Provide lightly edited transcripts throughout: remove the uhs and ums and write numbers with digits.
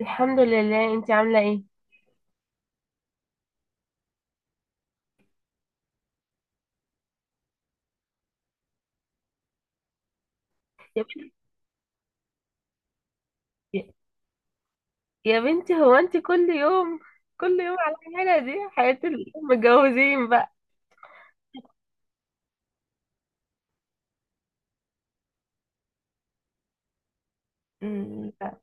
الحمد لله، انت عامله ايه؟ يا بنتي، يا بنتي، هو انت كل يوم، كل يوم على الحاله دي؟ حياه المتجوزين بقى. مم، لا.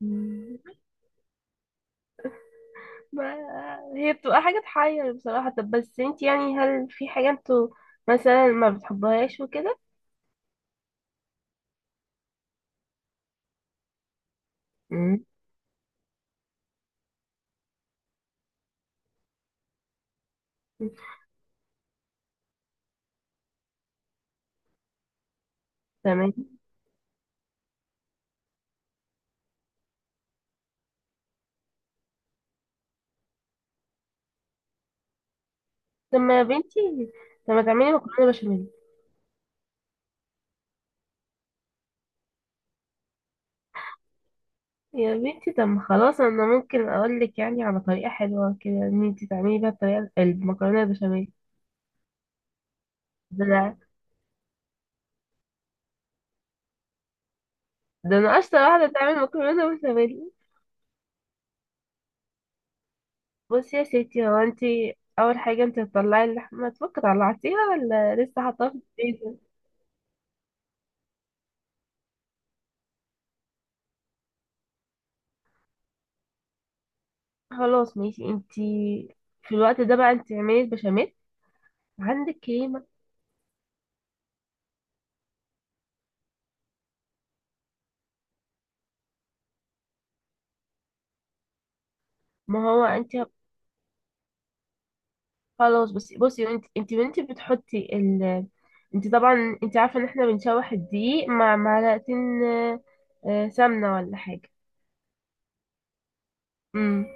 مم. ما هي بتبقى حاجه تحير بصراحه. طب بس انت يعني، هل في حاجه انتوا مثلا ما بتحبهاش وكده؟ مم. تمام. طب ما يا بنتي، طب ما تعملي مكرونه بشاميل. يا بنتي، طب ما خلاص، انا ممكن اقول لك يعني على طريقه حلوه كده ان انت تعملي بيها الطريقه، المكرونه البشاميل. ده انا اشطر واحده تعمل مكرونه بشاميل. بصي يا ستي، هو انت اول حاجه انت هتطلعي اللحمه تفك، طلعتيها ولا لسه حاطاها في الفريزر؟ خلاص ماشي، انت في الوقت ده بقى انت اعملي البشاميل. عندك كريمه؟ ما هو انت. خلاص بصي، انت وانت بتحطي. انت طبعا، انت عارفه ان احنا بنشوح الدقيق مع معلقتين، سمنه ولا حاجه. امم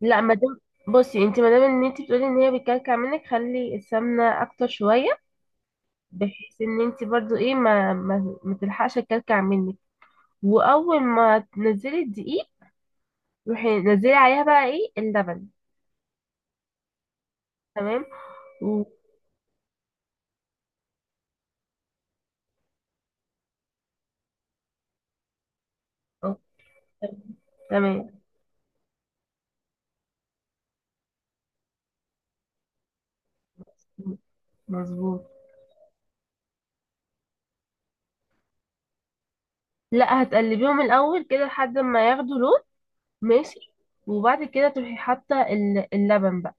لا، ما دام، بصي انت، ما دام ان انت بتقولي ان هي بتكلكع منك، خلي السمنه اكتر شويه. بحيث ان انت برضو ايه ما تلحقش الكلكع منك. واول ما تنزلي الدقيق، روحي نزلي عليها بقى ايه، اللبن. تمام. و... أو- تمام. مظبوط. لا، هتقلبيهم الاول كده لحد ما ياخدوا لون. ماشي. وبعد كده تروحي حاطه اللبن بقى.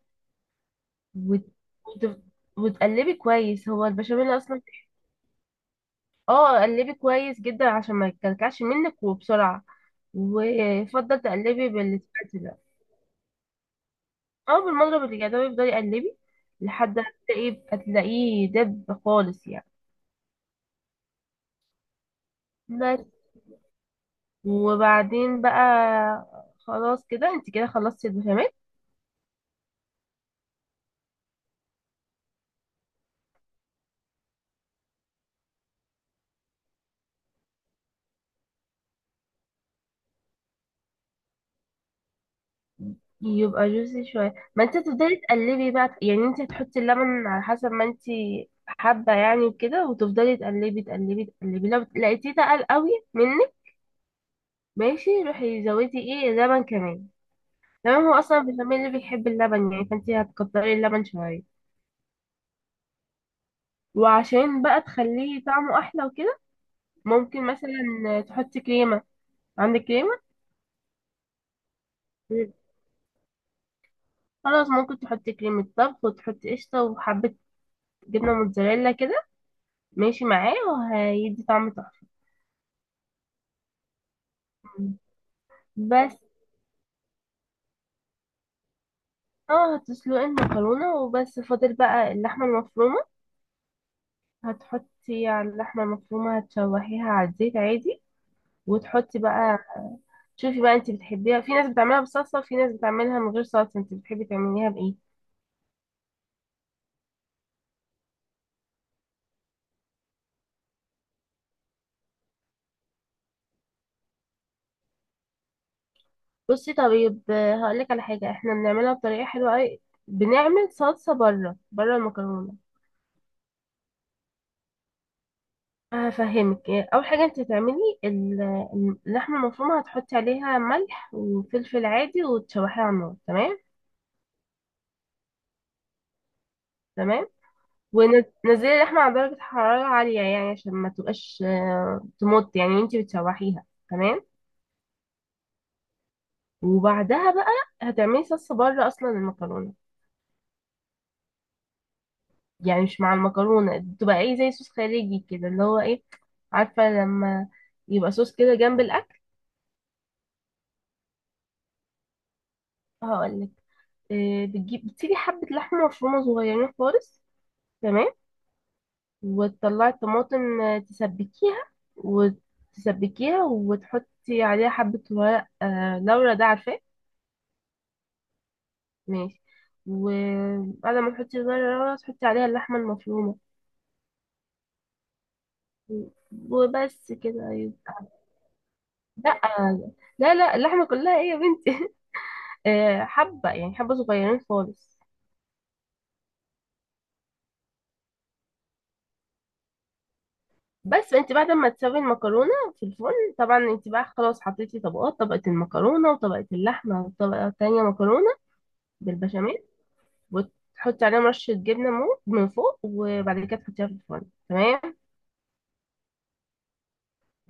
وت... وت... وتقلبي كويس، هو البشاميل اصلا. اه، قلبي كويس جدا عشان ما يتكلكعش منك وبسرعه. ويفضل تقلبي بالسباتula. اه، بالمضرب اليدوي يفضل يقلبي. لحد ما هتلاقيه دب خالص يعني. بس. وبعدين بقى خلاص كده، انت كده خلصتي البشاميل. يبقى جوسي شويه، ما انت تفضلي تقلبي بقى يعني. انت هتحطي اللبن على حسب ما انت حابه يعني وكده، وتفضلي تقلبي، تقلبي، تقلبي، لو لقيتيه تقل قوي منك. ماشي، روحي زودي ايه لبن كمان. تمام، هو اصلا البشاميل اللي بيحب اللبن يعني، فانت هتكتري اللبن شويه. وعشان بقى تخليه طعمه احلى وكده ممكن مثلا تحطي كريمة. عندك كريمة؟ مم. خلاص ممكن تحطي كريمة طبخ، وتحطي قشطة وحبة جبنة موتزاريلا كده، ماشي معاه وهيدي طعم تحفة. بس. اه، هتسلقي المكرونة وبس، فاضل بقى اللحمة المفرومة. هتحطي على اللحمة المفرومة، هتشوحيها على الزيت عادي، وتحطي بقى. شوفي بقى، انت بتحبيها، في ناس بتعملها بصلصة وفي ناس بتعملها من غير صلصة، انت بتحبي تعمليها بإيه؟ بصي طيب، هقولك على حاجة احنا بنعملها بطريقة حلوة اوي. بنعمل صلصة بره، بره المكرونة. هفهمك. اول حاجة انت تعملي اللحمة المفرومة، هتحطي عليها ملح وفلفل عادي، وتشوحيها على النار، تمام. تمام. ونزلي اللحمة على درجة حرارة عالية يعني عشان ما تبقاش تموت يعني وانت بتشوحيها. تمام. وبعدها بقى، هتعملي صلصة بره اصلا المكرونة. يعني مش مع المكرونة، بتبقى ايه زي صوص خارجي كده، اللي هو ايه، عارفة؟ لما يبقى صوص كده جنب الأكل. هقولك. إيه، بتسيبي حبة لحمة مفرومة صغيرين خالص. تمام. وتطلعي الطماطم، تسبكيها. وتسبكيها وتحطي عليها حبة ورق لورا ده، عارفاه؟ ماشي. وبعد ما تحطي ورق لورا، تحطي عليها اللحمة المفرومة. وبس كده، أيوة. لا، لا، لا، اللحمة كلها ايه يا بنتي؟ حبة يعني حبة صغيرين خالص. بس انت بعد ما تسوي المكرونة في الفرن طبعا، انت بقى خلاص حطيتي طبقة المكرونة وطبقة اللحمة وطبقة تانية مكرونة بالبشاميل. وتحطي عليهم رشة جبنة من فوق، وبعد كده تحطيها في الفرن. تمام.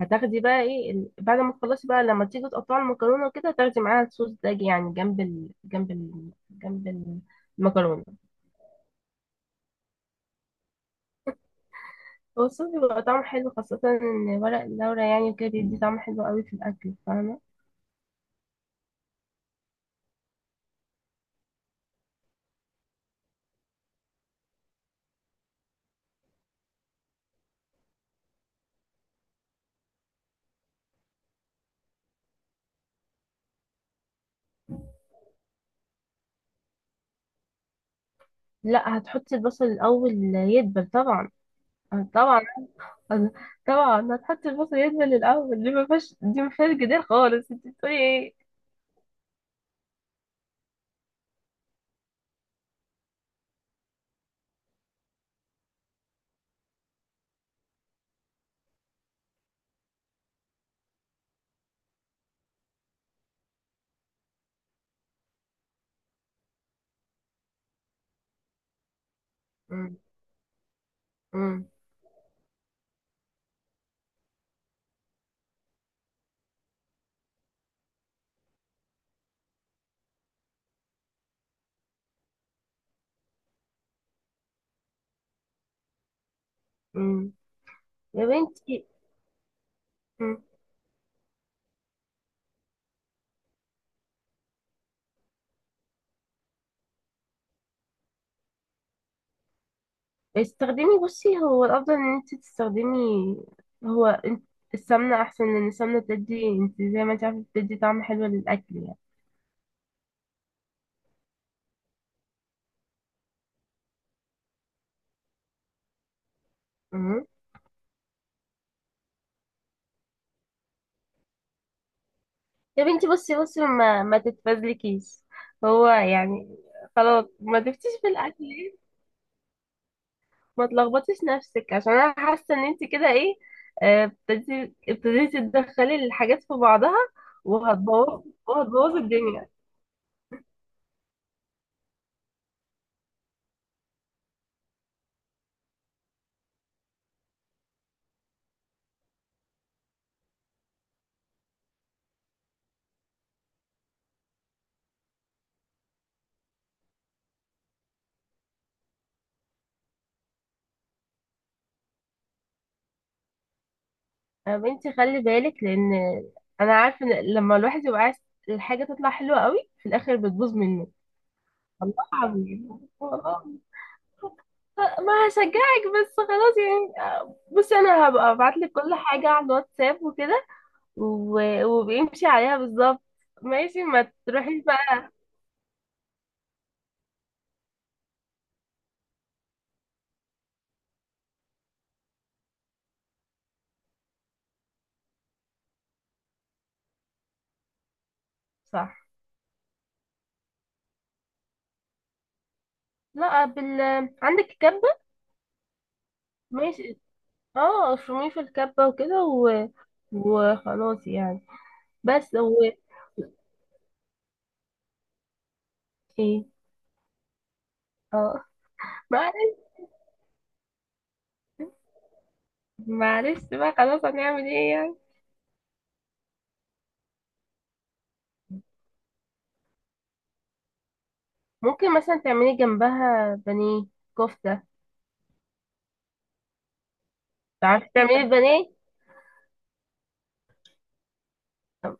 هتاخدي بقى ايه بعد ما تخلصي بقى لما تيجي تقطعي المكرونة وكده، تاخدي معاها الصوص ده يعني جنب المكرونة. هو الصوص بيبقى طعمه حلو، خاصة ان ورق اللورة يعني كده بيدي طعم حلو قوي في الأكل، فاهمة؟ لا، هتحطي البصل الاول يدبل طبعا. آه، طبعا. طبعا هتحطي البصل يدبل الاول، دي ما فيهاش جدال خالص. انت بتقولي ايه؟ مم. مم. مم. يا بنتي. مم. استخدمي. بصي هو الافضل ان انت تستخدمي. هو انت السمنه احسن، لان السمنه بتدي، انت زي ما انت عارفه، بتدي طعم حلو للاكل يعني. مم. يا بنتي، بصي ما تتفزلكيش هو يعني. خلاص، ما تفتيش في الاكل. ما تلخبطيش نفسك عشان انا حاسه ان انت كده ايه، ابتديتي تدخلي الحاجات في بعضها. وهتبوظ وهتبوظ الدنيا. يا بنتي، خلي بالك، لان انا عارفه ان لما الواحد يبقى عايز الحاجه تطلع حلوه قوي، في الاخر بتبوظ منه. الله عظيم والله. ما هشجعك، بس خلاص يعني. بصي انا هبقى ابعت لك كل حاجه على الواتساب وكده وبيمشي عليها بالظبط. ماشي، ما تروحيش بقى. صح. لا. عندك كبة؟ ماشي. اه، افرميه في الكبة وكده. وخلاص يعني. بس هو ايه. اه. معلش. معلش بقى، خلاص هنعمل ايه يعني. ممكن مثلا تعملي جنبها بانيه، كفتة. تعرفي تعملي البانيه؟ طب-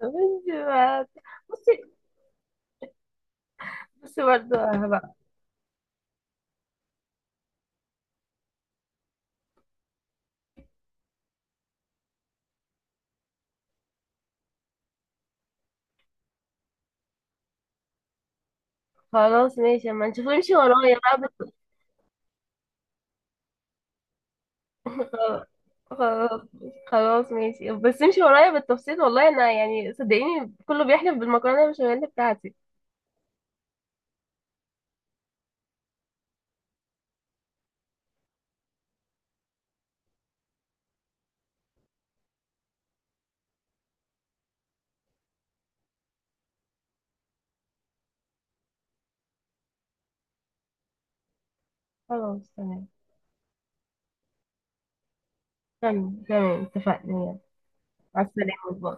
طب انت بقى- بصي بصي برضه بقى. خلاص ماشي اما نشوف، امشي ورايا بقى. خلاص، خلاص، خلاص ماشي، بس امشي ورايا بالتفصيل، والله انا يعني صدقيني كله بيحلف بالمكرونه البشاميل بتاعتي. خلاص تمام. تمام، تمام، اتفقنا، يلا. مع السلامه، باي.